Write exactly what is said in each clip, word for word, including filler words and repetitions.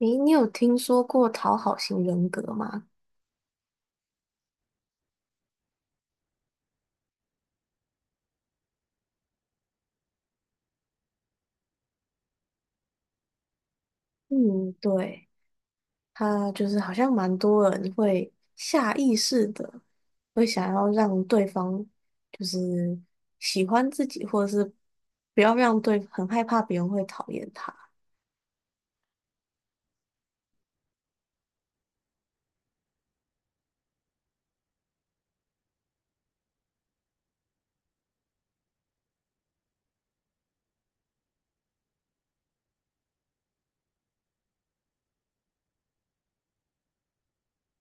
诶，你有听说过讨好型人格吗？嗯，对，他就是好像蛮多人会下意识的会想要让对方就是喜欢自己，或者是不要让对，很害怕别人会讨厌他。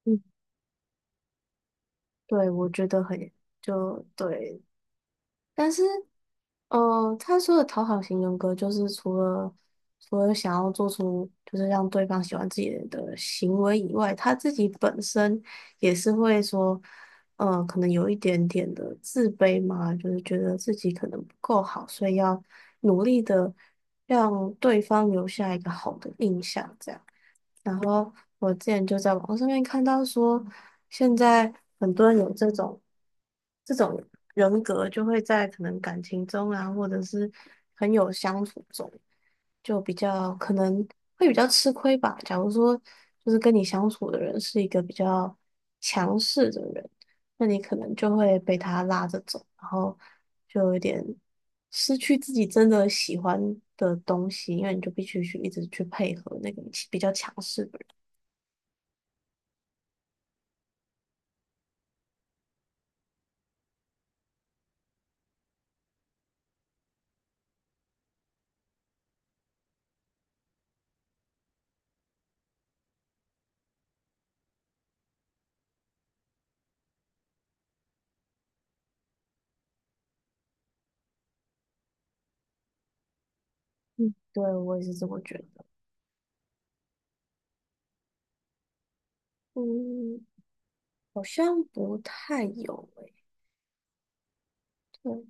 嗯，对，我觉得很，就对，但是，呃，他说的讨好型人格就是除了除了想要做出就是让对方喜欢自己的行为以外，他自己本身也是会说，呃，可能有一点点的自卑嘛，就是觉得自己可能不够好，所以要努力的让对方留下一个好的印象，这样。然后我之前就在网络上面看到说，现在很多人有这种这种人格，就会在可能感情中啊，或者是很有相处中，就比较可能会比较吃亏吧。假如说就是跟你相处的人是一个比较强势的人，那你可能就会被他拉着走，然后就有点失去自己真的喜欢的东西，因为你就必须去一直去配合那个比较强势的人。嗯，对，我也是这么觉得。嗯，好像不太有诶、对，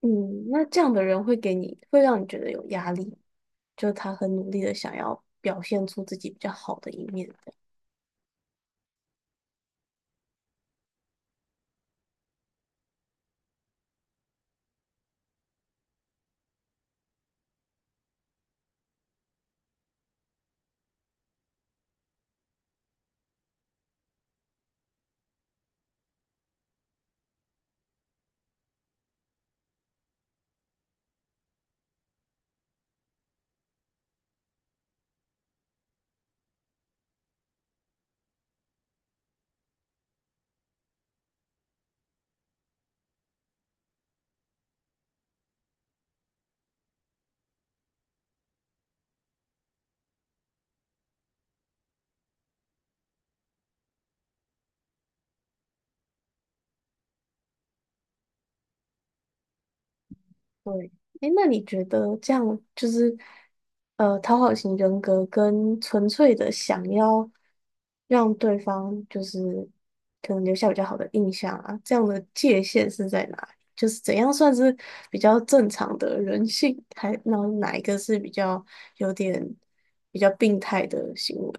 嗯，那这样的人会给你，会让你觉得有压力，就是他很努力的想要表现出自己比较好的一面。对，哎，那你觉得这样就是，呃，讨好型人格跟纯粹的想要让对方就是可能留下比较好的印象啊，这样的界限是在哪里？就是怎样算是比较正常的人性，还然后哪一个是比较有点比较病态的行为，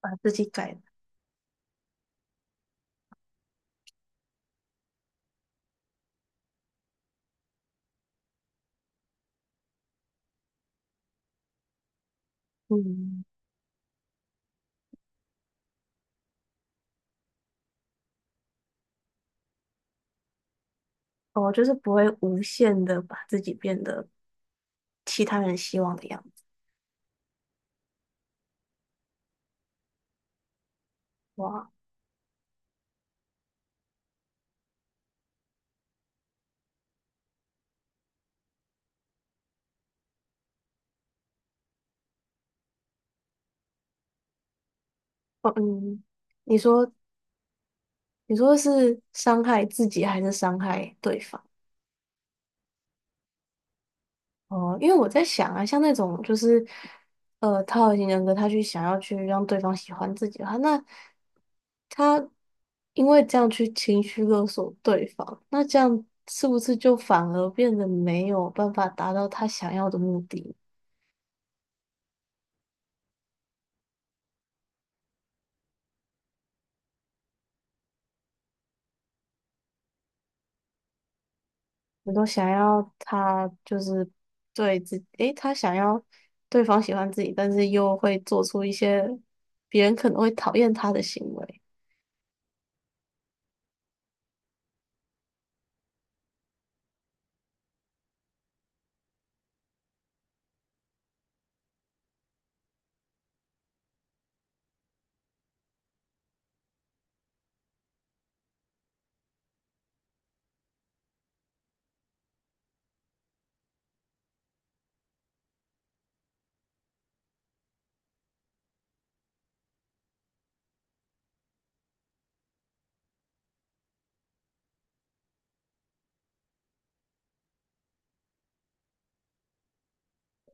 把自己改了，嗯，哦，就是不会无限的把自己变得其他人希望的样子，哇，哦，嗯。你说你说是伤害自己还是伤害对方？哦，因为我在想啊，像那种就是，呃，讨好型人格，他去想要去让对方喜欢自己的话，那他因为这样去情绪勒索对方，那这样是不是就反而变得没有办法达到他想要的目的？你都想要他就是对自己，诶，他想要对方喜欢自己，但是又会做出一些别人可能会讨厌他的行为。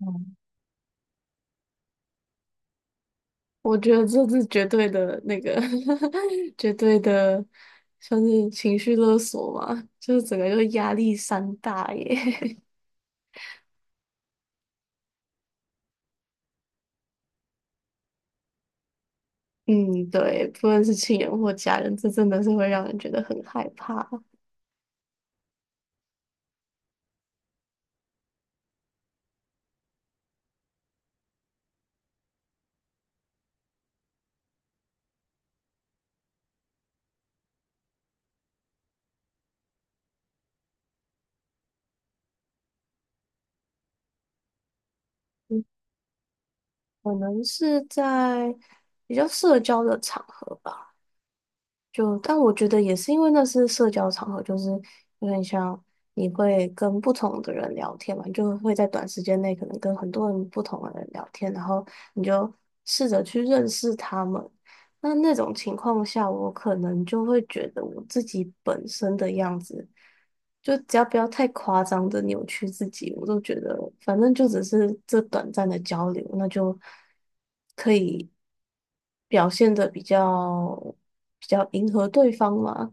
嗯。我觉得这是绝对的那个 绝对的，算是情绪勒索嘛，就是整个就是压力山大耶。嗯，对，不论是亲人或家人，这真的是会让人觉得很害怕。嗯，可能是在比较社交的场合吧。就，但我觉得也是因为那是社交场合，就是有点像你会跟不同的人聊天嘛，你就会在短时间内可能跟很多人不同的人聊天，然后你就试着去认识他们。那那种情况下，我可能就会觉得我自己本身的样子，就只要不要太夸张的扭曲自己，我都觉得反正就只是这短暂的交流，那就表现的比较比较迎合对方嘛。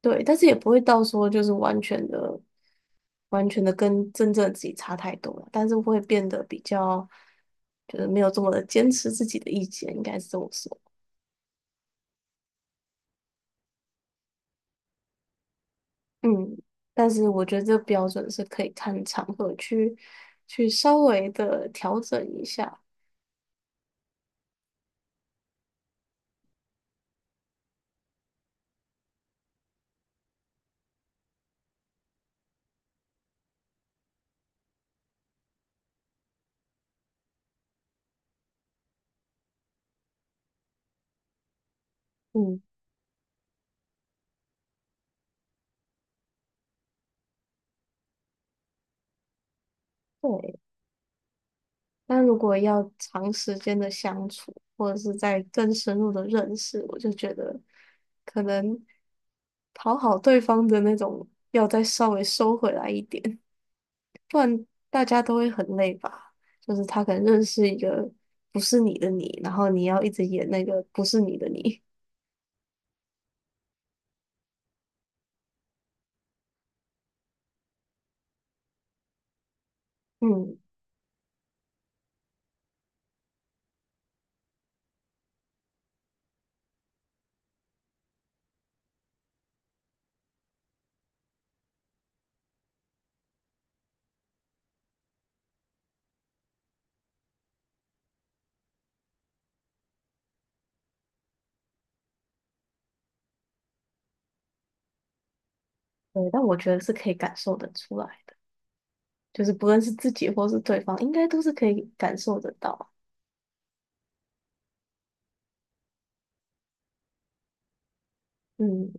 对，但是也不会到说就是完全的、完全的跟真正的自己差太多了，但是会变得比较就是没有这么的坚持自己的意见，应该是这么说。嗯，但是我觉得这个标准是可以看场合去去稍微的调整一下。嗯，对。但如果要长时间的相处，或者是在更深入的认识，我就觉得可能讨好对方的那种要再稍微收回来一点，大家都会很累吧。就是他可能认识一个不是你的你，然后你要一直演那个不是你的你。嗯，对，但我觉得是可以感受得出来的，就是不论是自己或是对方，应该都是可以感受得到。嗯，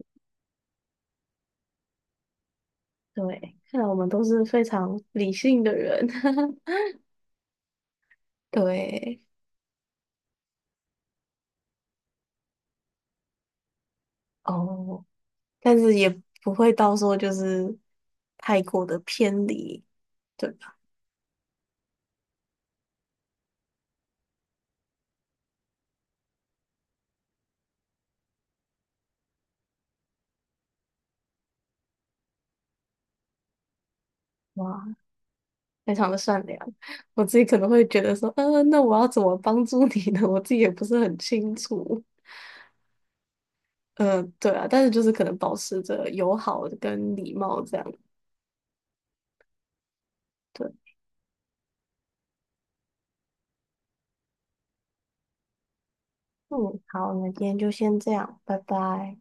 对，看来我们都是非常理性的人。对，哦，但是也不会到说就是太过的偏离，对吧？哇，非常的善良，我自己可能会觉得说，嗯，那我要怎么帮助你呢？我自己也不是很清楚。呃，对啊，但是就是可能保持着友好跟礼貌这样。对，嗯，好，那今天就先这样，拜拜。